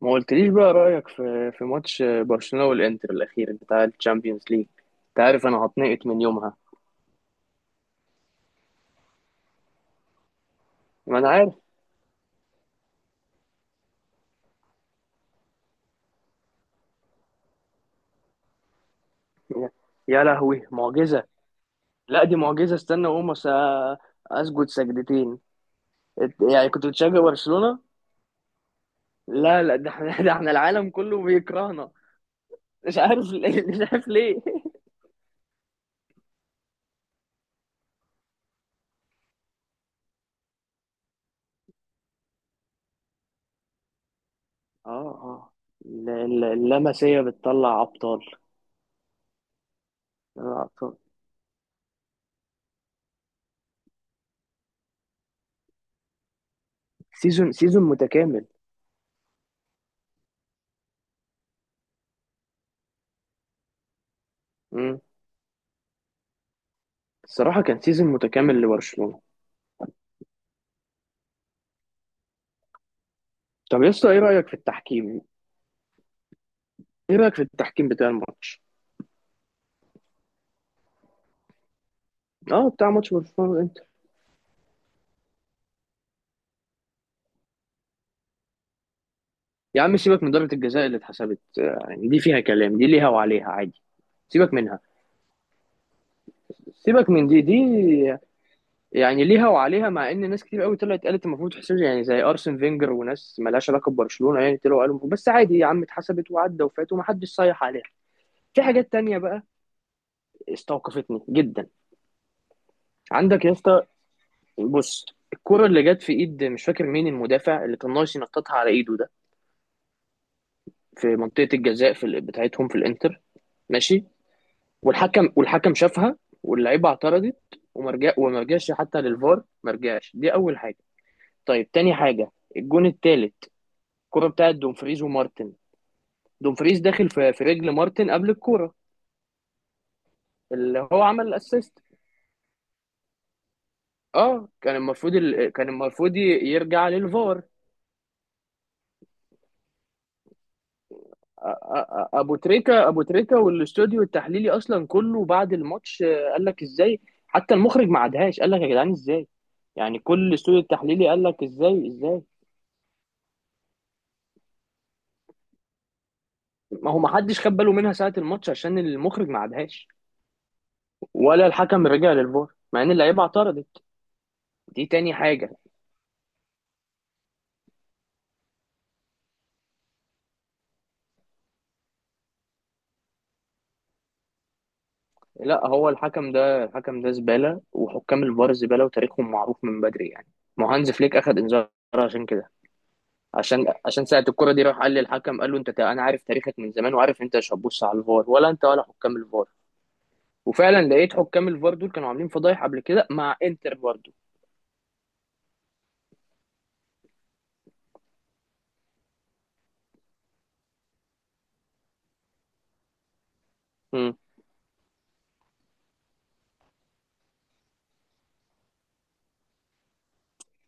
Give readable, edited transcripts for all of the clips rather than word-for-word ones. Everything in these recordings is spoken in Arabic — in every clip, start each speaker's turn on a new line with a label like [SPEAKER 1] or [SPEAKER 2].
[SPEAKER 1] ما قلتليش بقى رأيك في ماتش برشلونة والإنتر الأخير بتاع الشامبيونز ليج. أنت عارف أنا هتنقط من يومها. ما أنا عارف. يا لهوي، معجزة! لا، دي معجزة، أسجد سجدتين. يعني كنت بتشجع برشلونة؟ لا لا، ده احنا العالم كله بيكرهنا. مش عارف مش عارف ليه. اه اه. اللمسية بتطلع أبطال. بتطلع أبطال. سيزون متكامل. مم. الصراحة كان سيزون متكامل لبرشلونة. طب يا اسطى، ايه رايك في التحكيم بتاع الماتش؟ اه، بتاع ماتش برشلونه والانتر. يا عم سيبك من ضربه الجزاء اللي اتحسبت، يعني دي فيها كلام، دي ليها وعليها عادي. سيبك منها، سيبك من دي. يعني ليها وعليها، مع ان ناس كتير قوي طلعت قالت المفروض تحسب، يعني زي ارسن فينجر وناس ملهاش علاقه ببرشلونه، يعني طلعوا بس عادي يا عم، اتحسبت وعدى وفات ومحدش صيح عليها. في حاجات تانية بقى استوقفتني جدا. عندك يا اسطى، بص. الكرة اللي جت في ايد، مش فاكر مين المدافع اللي كان ناقص ينططها على ايده ده، في منطقة الجزاء، بتاعتهم في الانتر. ماشي. والحكم شافها، واللعيبة اعترضت. ومرجع ومرجعش حتى للفار، مرجعش. دي أول حاجة. طيب، تاني حاجة، الجون التالت، الكرة بتاعت دومفريز ومارتن. دومفريز داخل في رجل مارتن قبل الكرة، اللي هو عمل الاسيست. اه، كان المفروض كان المفروض يرجع للفار. ابو تريكا، والاستوديو التحليلي اصلا كله بعد الماتش قال لك ازاي. حتى المخرج ما عادهاش، قال لك يا جدعان ازاي. يعني كل الاستوديو التحليلي قال لك ازاي. ما هو ما حدش خد باله منها ساعة الماتش عشان المخرج ما عادهاش، ولا الحكم رجع للفار مع ان اللعيبه اعترضت. دي تاني حاجه. لا، هو الحكم ده زباله، وحكام الفار زباله، وتاريخهم معروف من بدري يعني. ما هو هانز فليك اخد انذار عشان كده. عشان ساعة الكرة دي راح قال للحكم، قال له انت انا عارف تاريخك من زمان، وعارف انت مش هتبص على الفار، ولا انت ولا حكام الفار. وفعلا لقيت حكام الفار دول كانوا عاملين فضايح قبل كده مع انتر برضه. مم.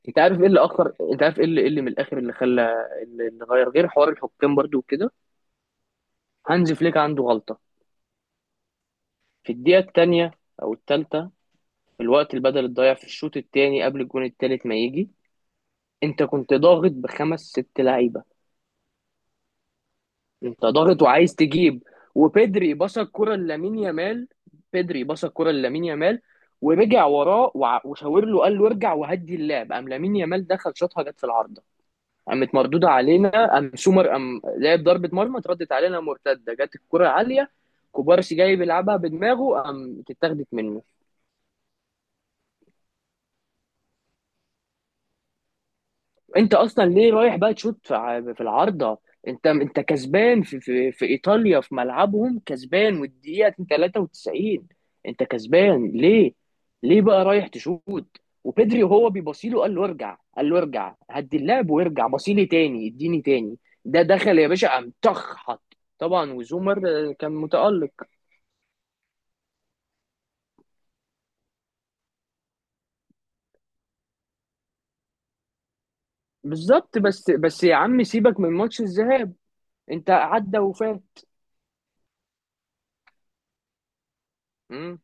[SPEAKER 1] انت عارف ايه اللي اخر انت عارف ايه اللي إيه اللي من الاخر اللي خلى اللي اللي غير حوار الحكام برضه وكده. هانز فليك عنده غلطة في الدقيقة التانية او التالتة، في الوقت البدل الضايع في الشوط التاني قبل الجون التالت ما يجي. انت كنت ضاغط بخمس ست لعيبة، انت ضاغط وعايز تجيب، وبدري باص الكرة لامين يامال. بدري باص الكرة لامين يامال ورجع وراه وشاور له، قال له ارجع وهدي اللعب. قام لامين يامال دخل شاطها جت في العارضة، قامت مردودة علينا، قام سومر قام لعب ضربة مرمى اتردت علينا مرتدة، جت الكرة عالية، كوبارسي جاي بيلعبها بدماغه قام اتاخدت منه. انت اصلا ليه رايح بقى تشوط في العارضه؟ انت كسبان، في ايطاليا في ملعبهم كسبان، والدقيقه 93، انت كسبان ليه؟ ليه بقى رايح تشوط؟ وبيدري وهو بيبصيله قال له ارجع، هدي اللعب وارجع بصيلي تاني، اديني تاني. ده دخل يا باشا قام طخ حط. طبعا، وزومر كان متألق. بالظبط، بس يا عم سيبك من ماتش الذهاب، انت عدى وفات. مم.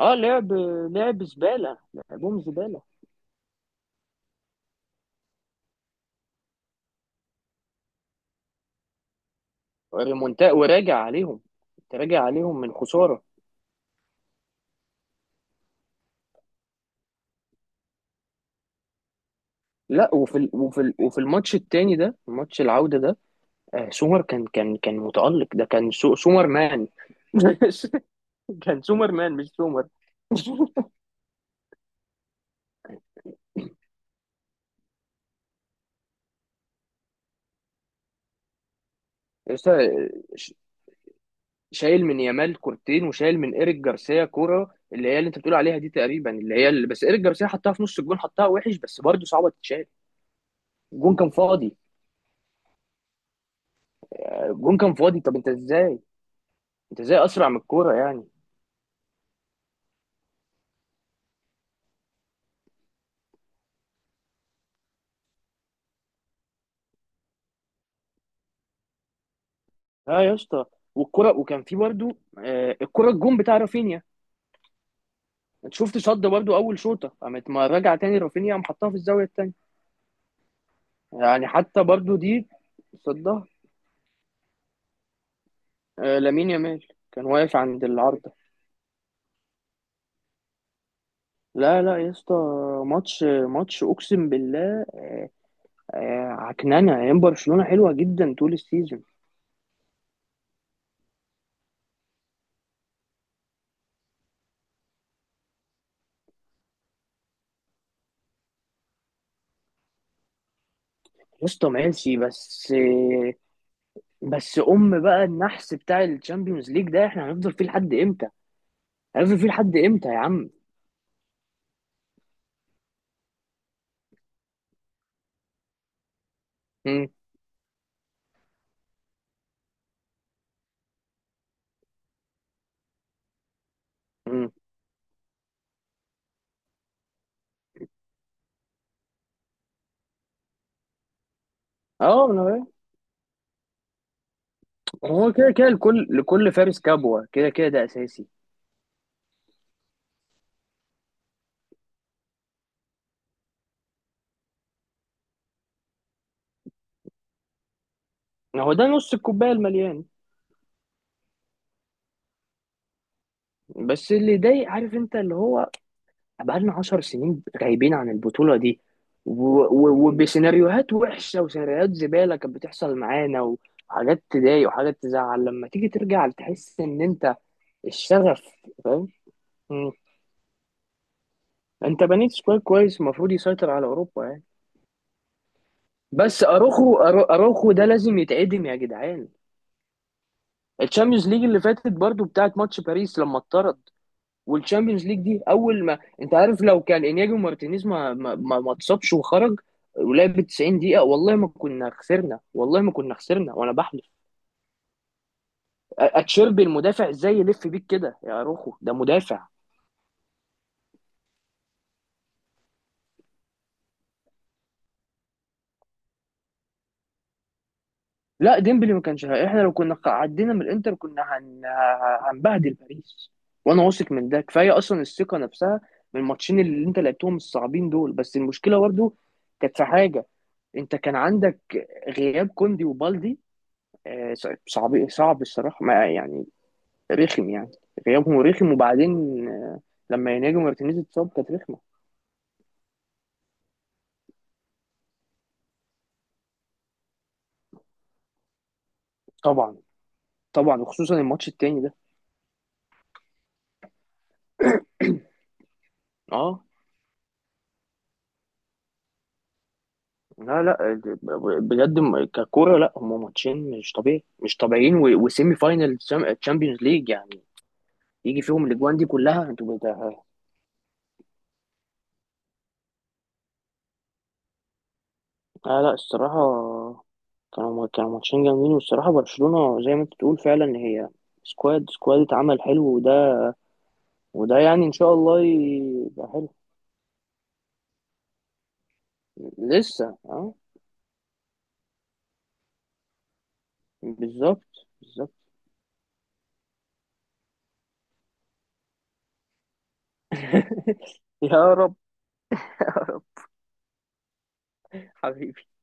[SPEAKER 1] اه، لعب، لعب زباله لعبهم زباله. ريمونتا وراجع عليهم، انت راجع عليهم من خساره. لا، وفي الماتش التاني ده، ماتش العوده ده، آه سومر كان متالق، ده كان سومر مان. كان سومر مان مش سومر. لسه ش- شايل من يامال كورتين وشايل من ايريك جارسيا كوره، اللي هي اللي انت بتقول عليها دي تقريبا، اللي هي اللي بس ايريك جارسيا حطها في نص الجون، حطها وحش بس برضه صعبه تتشال. الجون كان فاضي. الجون كان فاضي، طب انت ازاي اسرع من الكوره يعني؟ اه يا اسطى، والكرة وكان في برضو، الكرة الجون بتاع رافينيا. انت شفت صد برضو اول شوطة، قامت ما راجع تاني رافينيا قام حطها في الزاوية التانية. يعني حتى برضو دي صدها، لامين يامال كان واقف عند العارضة. لا لا يا اسطى، ماتش اقسم بالله، عكننه ايام برشلونة حلوة جدا طول السيزون. يا اسطى ماشي، بس بس بقى النحس بتاع الشامبيونز ليج ده احنا هنفضل فيه لحد امتى؟ هنفضل فيه لحد امتى يا عم؟ مم. مم. اه. هو كده كده، لكل فارس كبوة، كده كده ده أساسي. هو ده نص الكوباية المليان. بس اللي يضايق، عارف أنت اللي هو، بقالنا عشر سنين غايبين عن البطولة دي، وبسيناريوهات وحشة وسيناريوهات زبالة كانت بتحصل معانا، وحاجات تضايق وحاجات تزعل لما تيجي ترجع تحس إن أنت الشغف، فاهم. مم. أنت بنيت سكواد كويس المفروض يسيطر على أوروبا يعني. بس أروخو ده لازم يتعدم يا جدعان. الشامبيونز ليج اللي فاتت برضو بتاعت ماتش باريس لما اتطرد، والتشامبيونز ليج دي اول ما انت عارف، لو كان انياجي ومارتينيز ما اتصابش وخرج ولعب 90 دقيقة، والله ما كنا خسرنا. وانا بحلف اتشيربي المدافع ازاي يلف بيك كده يا روخو، ده مدافع. لا، ديمبلي ما كانش، احنا لو كنا عدينا من الانتر كنا هنبهدل باريس. وانا واثق من ده كفايه، اصلا الثقه نفسها من الماتشين اللي انت لعبتهم الصعبين دول. بس المشكله برضو كانت في حاجه، انت كان عندك غياب كوندي وبالدي، صعب صعب الصراحة ما يعني، رخم يعني، غيابهم رخم. وبعدين آه، لما يناجم مارتينيز اتصاب كانت رخمة. طبعا. طبعا وخصوصا الماتش التاني ده، اه. لا لا، بجد ككورة. لا هم ماتشين مش طبيعي، مش طبيعيين، وسيمي فاينل تشامبيونز ليج يعني، يجي فيهم الاجوان دي كلها، انتوا اه. لا الصراحة، كانوا ماتشين جامدين، والصراحة برشلونة زي ما انت بتقول فعلا هي سكواد، اتعمل حلو. وده، يعني ان شاء الله يبقى حلو، لسه اه. بالظبط بالظبط. يا رب، يا رب، حبيبي.